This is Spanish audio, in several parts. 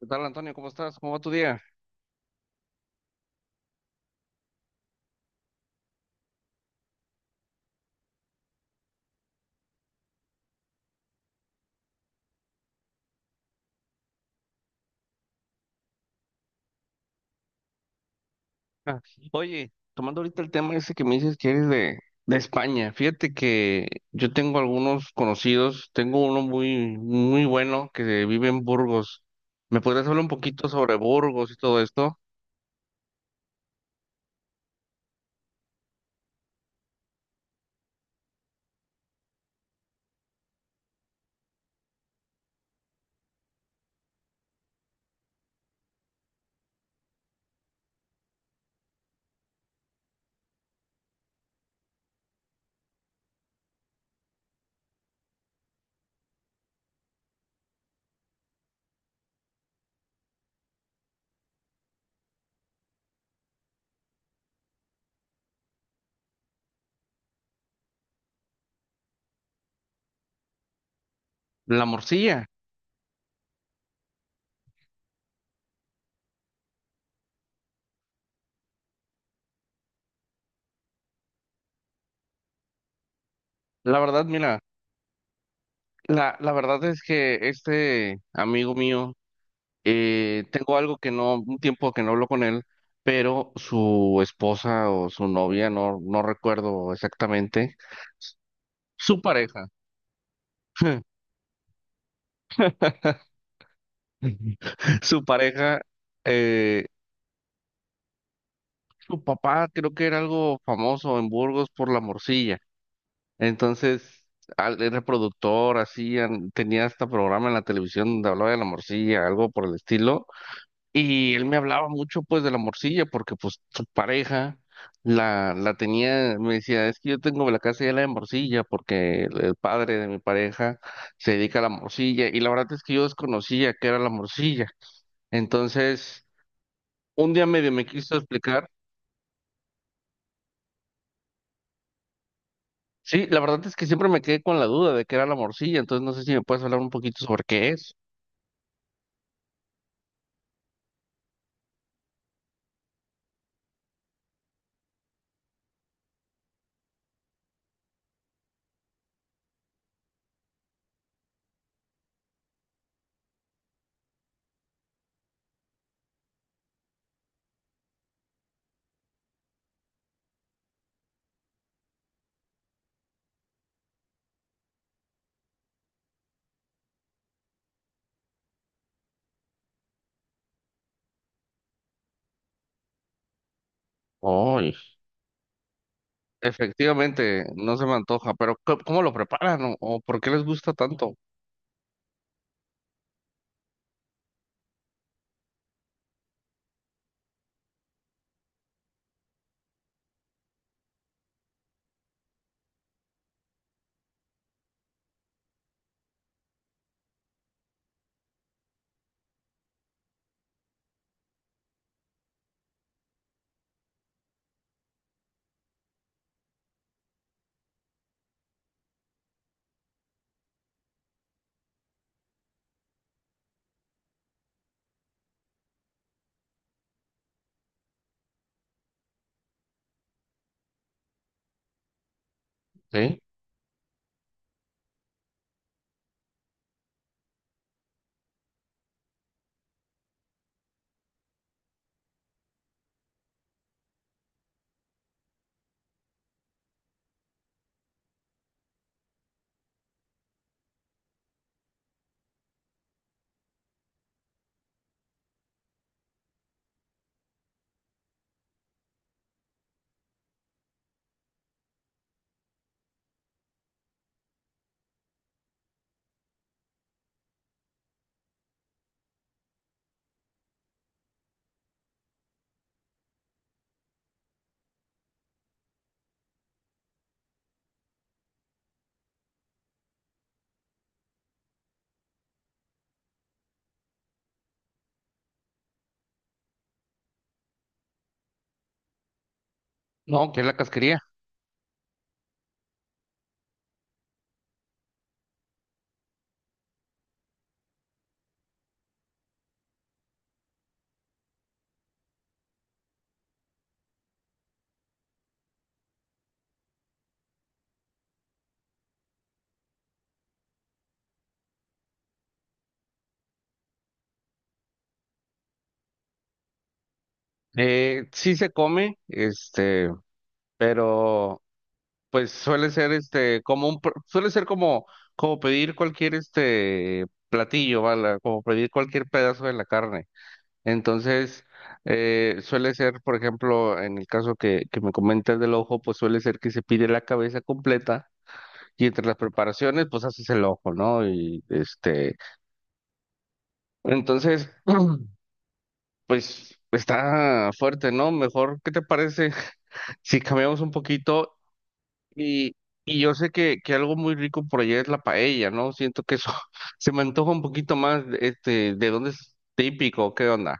¿Qué tal, Antonio? ¿Cómo estás? ¿Cómo va tu día? Ah, oye, tomando ahorita el tema ese que me dices que eres de España, fíjate que yo tengo algunos conocidos, tengo uno muy, muy bueno que vive en Burgos. ¿Me podrías hablar un poquito sobre Burgos y todo esto? La morcilla. La verdad, mira, la verdad es que este amigo mío, tengo algo que no, un tiempo que no hablo con él, pero su esposa o su novia, no, no recuerdo exactamente. Su pareja. Su pareja, eh, su papá creo que era algo famoso en Burgos por la morcilla. Entonces, al, era productor, hacían, tenía hasta programa en la televisión donde hablaba de la morcilla, algo por el estilo. Y él me hablaba mucho pues de la morcilla porque pues su pareja la tenía, me decía, es que yo tengo la casa llena de morcilla porque el padre de mi pareja se dedica a la morcilla. Y la verdad es que yo desconocía que era la morcilla. Entonces, un día medio me quiso explicar. Sí, la verdad es que siempre me quedé con la duda de qué era la morcilla, entonces no sé si me puedes hablar un poquito sobre qué es. Ay, efectivamente, no se me antoja, pero ¿cómo, cómo lo preparan o por qué les gusta tanto? ¿Sí? No, que es la casquería? Sí se come, este, pero pues suele ser este como un suele ser como como pedir cualquier este platillo, ¿vale? Como pedir cualquier pedazo de la carne. Entonces, suele ser, por ejemplo, en el caso que me comentas del ojo, pues suele ser que se pide la cabeza completa y entre las preparaciones, pues haces el ojo, ¿no? Y este, entonces, pues está fuerte, ¿no? Mejor, ¿qué te parece si cambiamos un poquito? Y, y yo sé que algo muy rico por allá es la paella, ¿no? Siento que eso se me antoja un poquito más, este, ¿de dónde es típico? ¿Qué onda?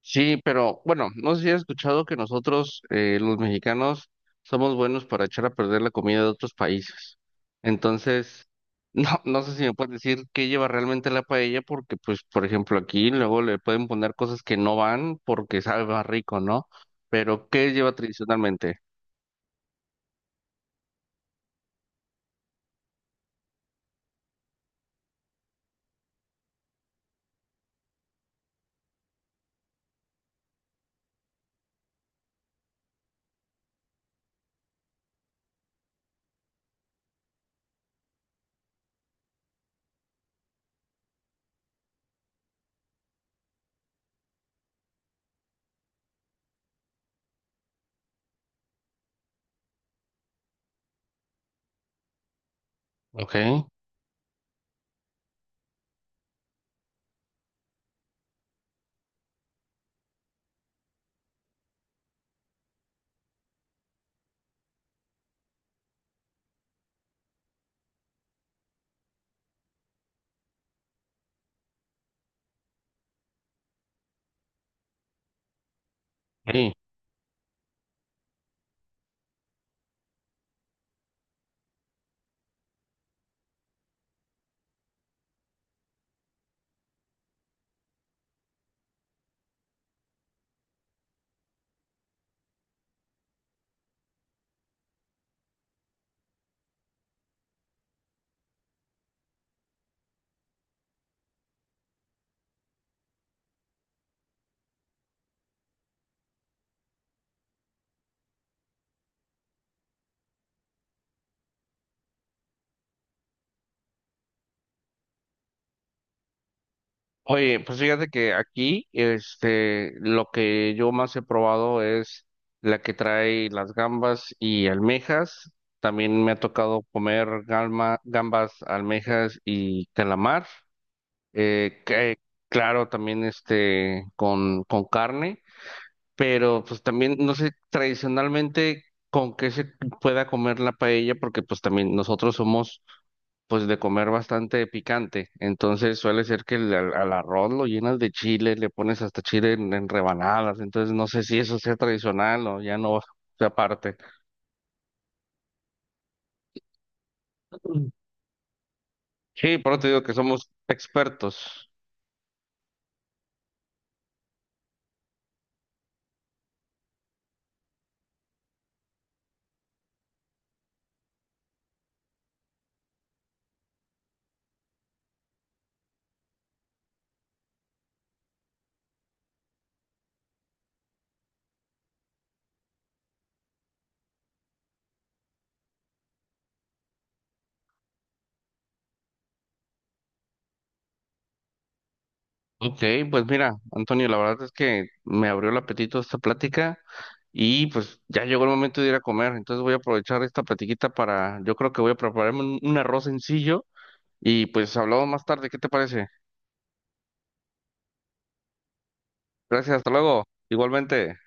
Sí, pero bueno, no sé si has escuchado que nosotros, los mexicanos, somos buenos para echar a perder la comida de otros países. Entonces, no, no sé si me puedes decir qué lleva realmente la paella, porque pues, por ejemplo, aquí luego le pueden poner cosas que no van porque sabe más rico, ¿no? Pero ¿qué lleva tradicionalmente? Ok. Oye, pues fíjate que aquí, este, lo que yo más he probado es la que trae las gambas y almejas. También me ha tocado comer gambas, almejas y calamar. Que, claro, también este, con carne, pero pues también, no sé, tradicionalmente con qué se pueda comer la paella, porque pues también nosotros somos pues de comer bastante picante. Entonces suele ser que al arroz lo llenas de chile, le pones hasta chile en rebanadas. Entonces no sé si eso sea tradicional o ya no sea parte. Mm. Sí, por eso te digo que somos expertos. Ok, pues mira, Antonio, la verdad es que me abrió el apetito esta plática y pues ya llegó el momento de ir a comer. Entonces voy a aprovechar esta platiquita para, yo creo que voy a prepararme un arroz sencillo y pues hablamos más tarde. ¿Qué te parece? Gracias, hasta luego. Igualmente.